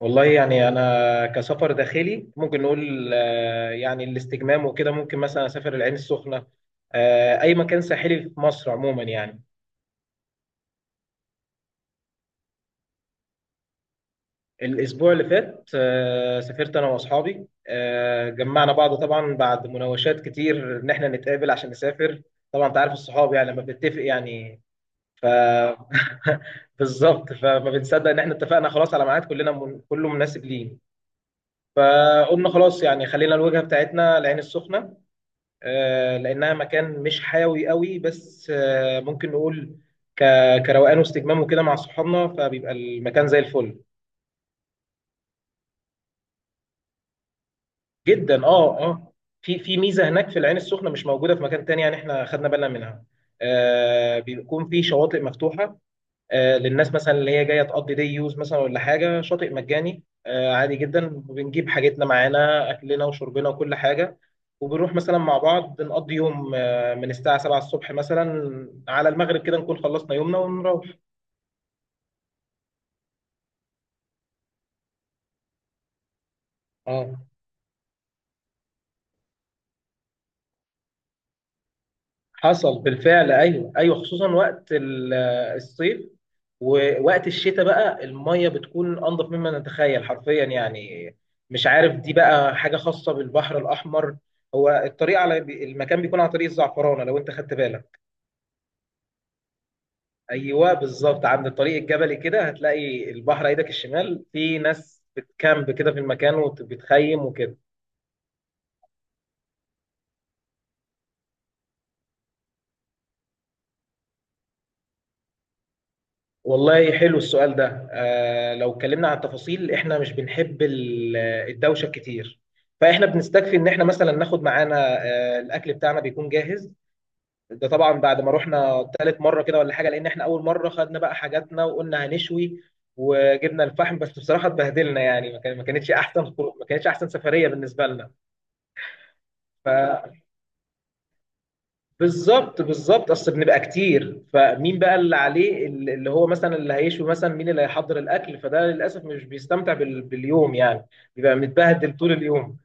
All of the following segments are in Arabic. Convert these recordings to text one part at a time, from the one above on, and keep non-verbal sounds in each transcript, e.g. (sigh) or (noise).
والله يعني انا كسفر داخلي ممكن نقول يعني الاستجمام وكده ممكن مثلا اسافر العين السخنه. اي مكان ساحلي في مصر عموما يعني. الاسبوع اللي فات سافرت انا واصحابي، جمعنا بعض طبعا بعد مناوشات كتير ان احنا نتقابل عشان نسافر. طبعا انت عارف الصحاب يعني لما بنتفق يعني. ف (laughs) بالظبط فما بنصدق ان احنا اتفقنا خلاص على ميعاد كلنا كله مناسب لينا. فقلنا خلاص يعني خلينا الوجهه بتاعتنا العين السخنه، لانها مكان مش حيوي قوي بس، ممكن نقول كروقان واستجمام وكده مع صحابنا فبيبقى المكان زي الفل. جدا، اه اه. في ميزه هناك في العين السخنه مش موجوده في مكان تاني يعني احنا خدنا بالنا منها. بيكون في شواطئ مفتوحه للناس مثلا اللي هي جايه تقضي دي يوز مثلا ولا حاجه، شاطئ مجاني. عادي جدا بنجيب حاجتنا معانا اكلنا وشربنا وكل حاجه، وبنروح مثلا مع بعض نقضي يوم، من الساعه 7 الصبح مثلا على المغرب كده نكون خلصنا يومنا ونروح. اه حصل بالفعل، ايوه ايوه، خصوصا وقت الصيف. ووقت الشتاء بقى الميه بتكون انضف مما نتخيل حرفيا يعني. مش عارف دي بقى حاجه خاصه بالبحر الاحمر. هو الطريق على المكان بيكون على طريق الزعفرانه لو انت خدت بالك. ايوه بالظبط، عند الطريق الجبلي كده هتلاقي البحر ايدك الشمال، في ناس بتكامب كده في المكان وبتخيم وكده. والله حلو السؤال ده. آه، لو اتكلمنا عن التفاصيل احنا مش بنحب الدوشه كتير، فاحنا بنستكفي ان احنا مثلا ناخد معانا الاكل بتاعنا بيكون جاهز. ده طبعا بعد ما رحنا تالت مره كده ولا حاجه، لان احنا اول مره خدنا بقى حاجاتنا وقلنا هنشوي وجبنا الفحم، بس بصراحه اتبهدلنا يعني، ما كانتش احسن سفريه بالنسبه لنا. بالظبط بالظبط، اصل بنبقى كتير فمين بقى اللي عليه اللي هو مثلا اللي هيشوي مثلا، مين اللي هيحضر الاكل، فده للاسف مش بيستمتع باليوم يعني، بيبقى متبهدل طول اليوم.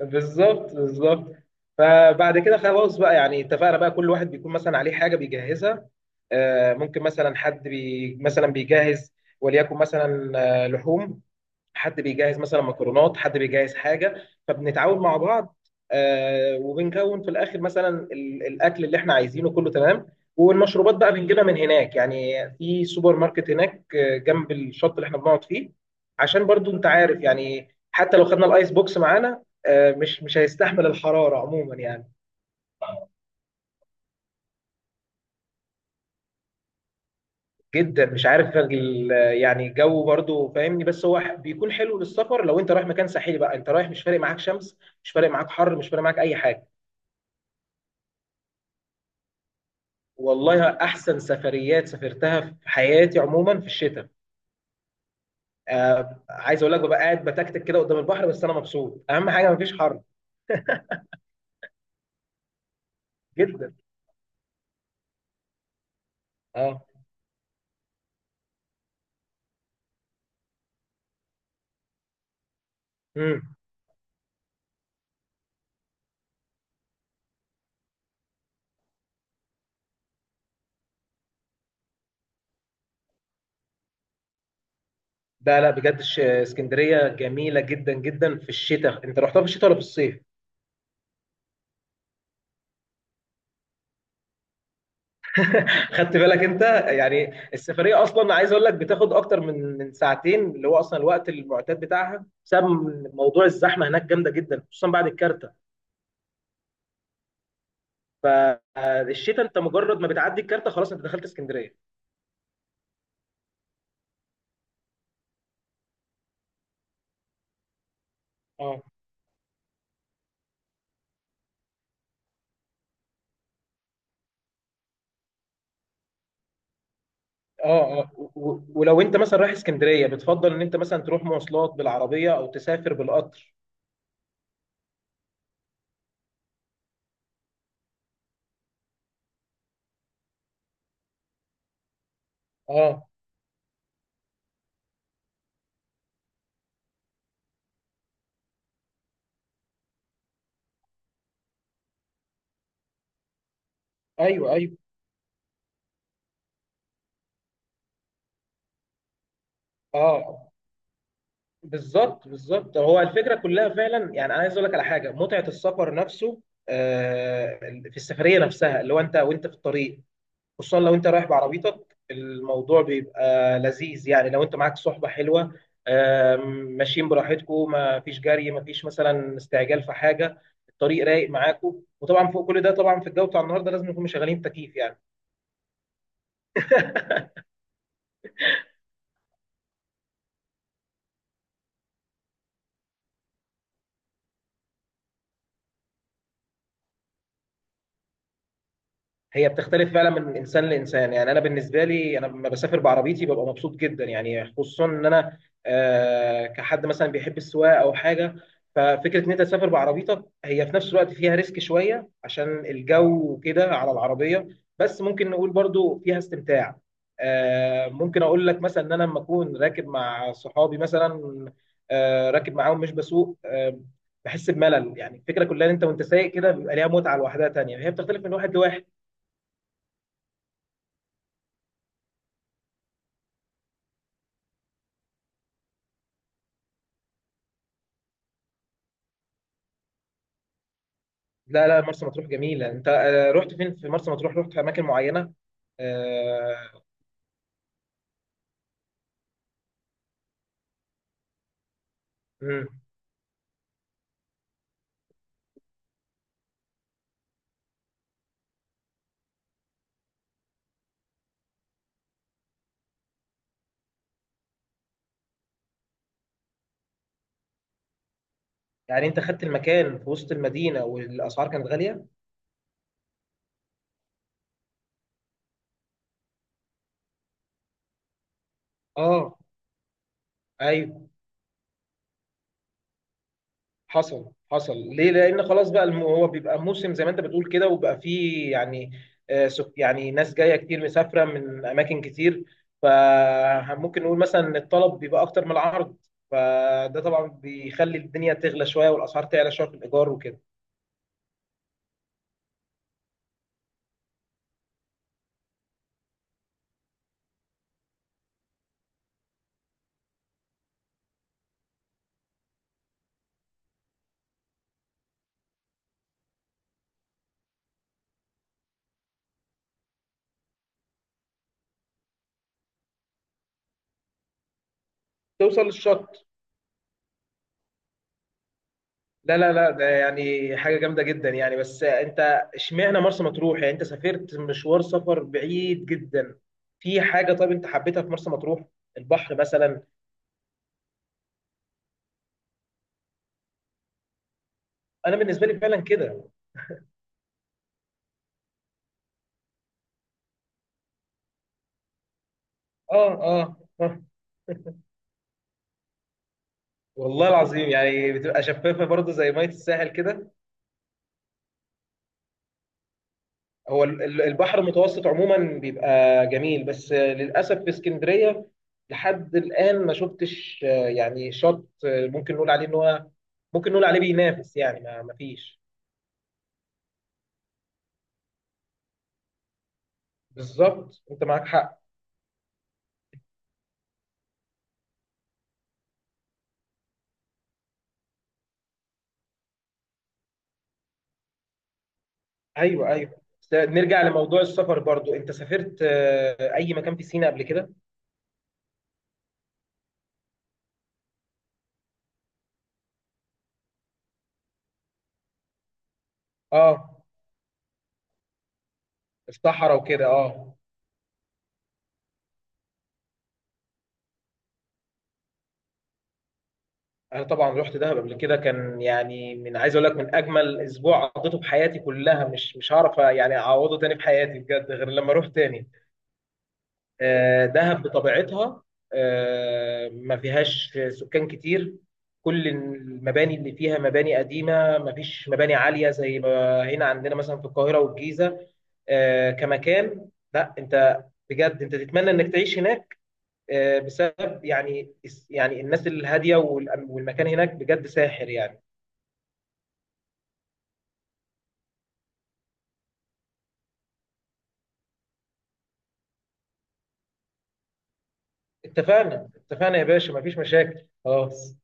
بالظبط بالظبط. فبعد كده خلاص بقى يعني اتفقنا بقى كل واحد بيكون مثلا عليه حاجه بيجهزها، ممكن مثلا حد مثلا بيجهز وليكن مثلا لحوم، حد بيجهز مثلا مكرونات، حد بيجهز حاجه، فبنتعاون مع بعض. وبنكون في الاخر مثلا الاكل اللي احنا عايزينه كله تمام. والمشروبات بقى بنجيبها من هناك، يعني في سوبر ماركت هناك، جنب الشط اللي احنا بنقعد فيه، عشان برضو انت عارف يعني حتى لو خدنا الايس بوكس معانا مش هيستحمل الحراره عموما يعني. جدا، مش عارف يعني الجو برضو فاهمني، بس هو بيكون حلو للسفر. لو انت رايح مكان ساحلي بقى انت رايح، مش فارق معاك شمس، مش فارق معاك حر، مش فارق معاك اي حاجه. والله احسن سفريات سافرتها في حياتي عموما في الشتاء. آه، عايز اقول لك ببقى قاعد بتكتك كده قدام البحر، بس انا مبسوط اهم حاجه مفيش حر. جدا. اه. امم ده لا بجد اسكندريه جميله جدا جدا في الشتاء. انت رحتها في الشتاء ولا في الصيف؟ (laughs) خدت بالك انت. يعني السفريه اصلا عايز اقول لك بتاخد اكتر من ساعتين، اللي هو اصلا الوقت المعتاد بتاعها، بسبب موضوع الزحمه هناك جامده جدا خصوصا بعد الكارته. فالشتاء انت مجرد ما بتعدي الكارته خلاص انت دخلت اسكندريه. اه اه اه، ولو انت مثلا رايح اسكندريه بتفضل ان انت مثلا تروح مواصلات بالعربيه، او تسافر بالقطر؟ اه ايوه ايوه، اه بالظبط بالظبط. هو الفكره كلها فعلا يعني، انا عايز اقول لك على حاجه، متعه السفر نفسه، آه، في السفريه نفسها اللي هو انت وانت في الطريق، خصوصا لو انت رايح بعربيتك الموضوع بيبقى لذيذ يعني، لو انت معاك صحبة حلوة، آم، ماشيين براحتكم، ما فيش جري، ما فيش مثلا استعجال في حاجة، الطريق رايق معاكم، وطبعا فوق كل ده، طبعا في الجو بتاع النهارده لازم نكون مشغلين تكييف يعني. هي بتختلف فعلا من انسان لانسان يعني، انا بالنسبه لي انا لما بسافر بعربيتي ببقى مبسوط جدا يعني، خصوصا ان انا كحد مثلا بيحب السواقه او حاجه. ففكره ان انت تسافر بعربيتك هي في نفس الوقت فيها ريسك شويه عشان الجو وكده على العربيه، بس ممكن نقول برضو فيها استمتاع. ممكن اقول لك مثلا ان انا لما اكون راكب مع صحابي مثلا، راكب معاهم مش بسوق، بحس بملل يعني. الفكره كلها ان انت وانت سايق كده بيبقى ليها متعه لوحدها تانيه، هي بتختلف من واحد لواحد. لا لا، مرسى مطروح جميلة. انت رحت فين في مرسى مطروح؟ رحت في اماكن معينة؟ آه، مم. يعني انت خدت المكان في وسط المدينة والاسعار كانت غالية. اه ايوه. حصل حصل، ليه؟ لان خلاص بقى هو بيبقى موسم زي ما انت بتقول كده، وبقى فيه يعني يعني ناس جاية كتير مسافرة من اماكن كتير، فممكن نقول مثلا ان الطلب بيبقى اكتر من العرض، فده طبعا بيخلي الدنيا تغلى شوية والاسعار تعلى شوية في الايجار وكده. توصل للشط. لا لا لا، ده يعني حاجة جامدة جدا يعني. بس انت اشمعنى مرسى مطروح يعني، انت سافرت مشوار سفر بعيد جدا، في حاجة طيب انت حبيتها في مرسى مطروح، البحر مثلا؟ انا بالنسبة لي فعلا كده. اه اه اه. والله العظيم يعني بتبقى شفافة برضه زي مية الساحل كده. هو البحر المتوسط عموما بيبقى جميل، بس للأسف في اسكندرية لحد الآن ما شفتش، يعني شط، ممكن نقول عليه ان هو ممكن نقول عليه بينافس يعني، ما فيش. بالظبط، انت معاك حق. ايوه ايوه. نرجع لموضوع السفر برضو، انت سافرت اي مكان في سيناء قبل كده؟ اه الصحراء وكده، اه. انا طبعا رحت دهب قبل كده، كان يعني من عايز اقول لك من اجمل اسبوع قضيته في حياتي كلها، مش هعرف يعني اعوضه تاني في حياتي بجد غير لما اروح تاني. دهب بطبيعتها ما فيهاش سكان كتير، كل المباني اللي فيها مباني قديمة، ما فيش مباني عالية زي ما هنا عندنا مثلا في القاهرة والجيزة كمكان. لا انت بجد انت تتمنى انك تعيش هناك بسبب يعني، يعني الناس الهادية والمكان هناك بجد ساحر يعني. اتفقنا اتفقنا يا باشا، مفيش مشاكل خلاص.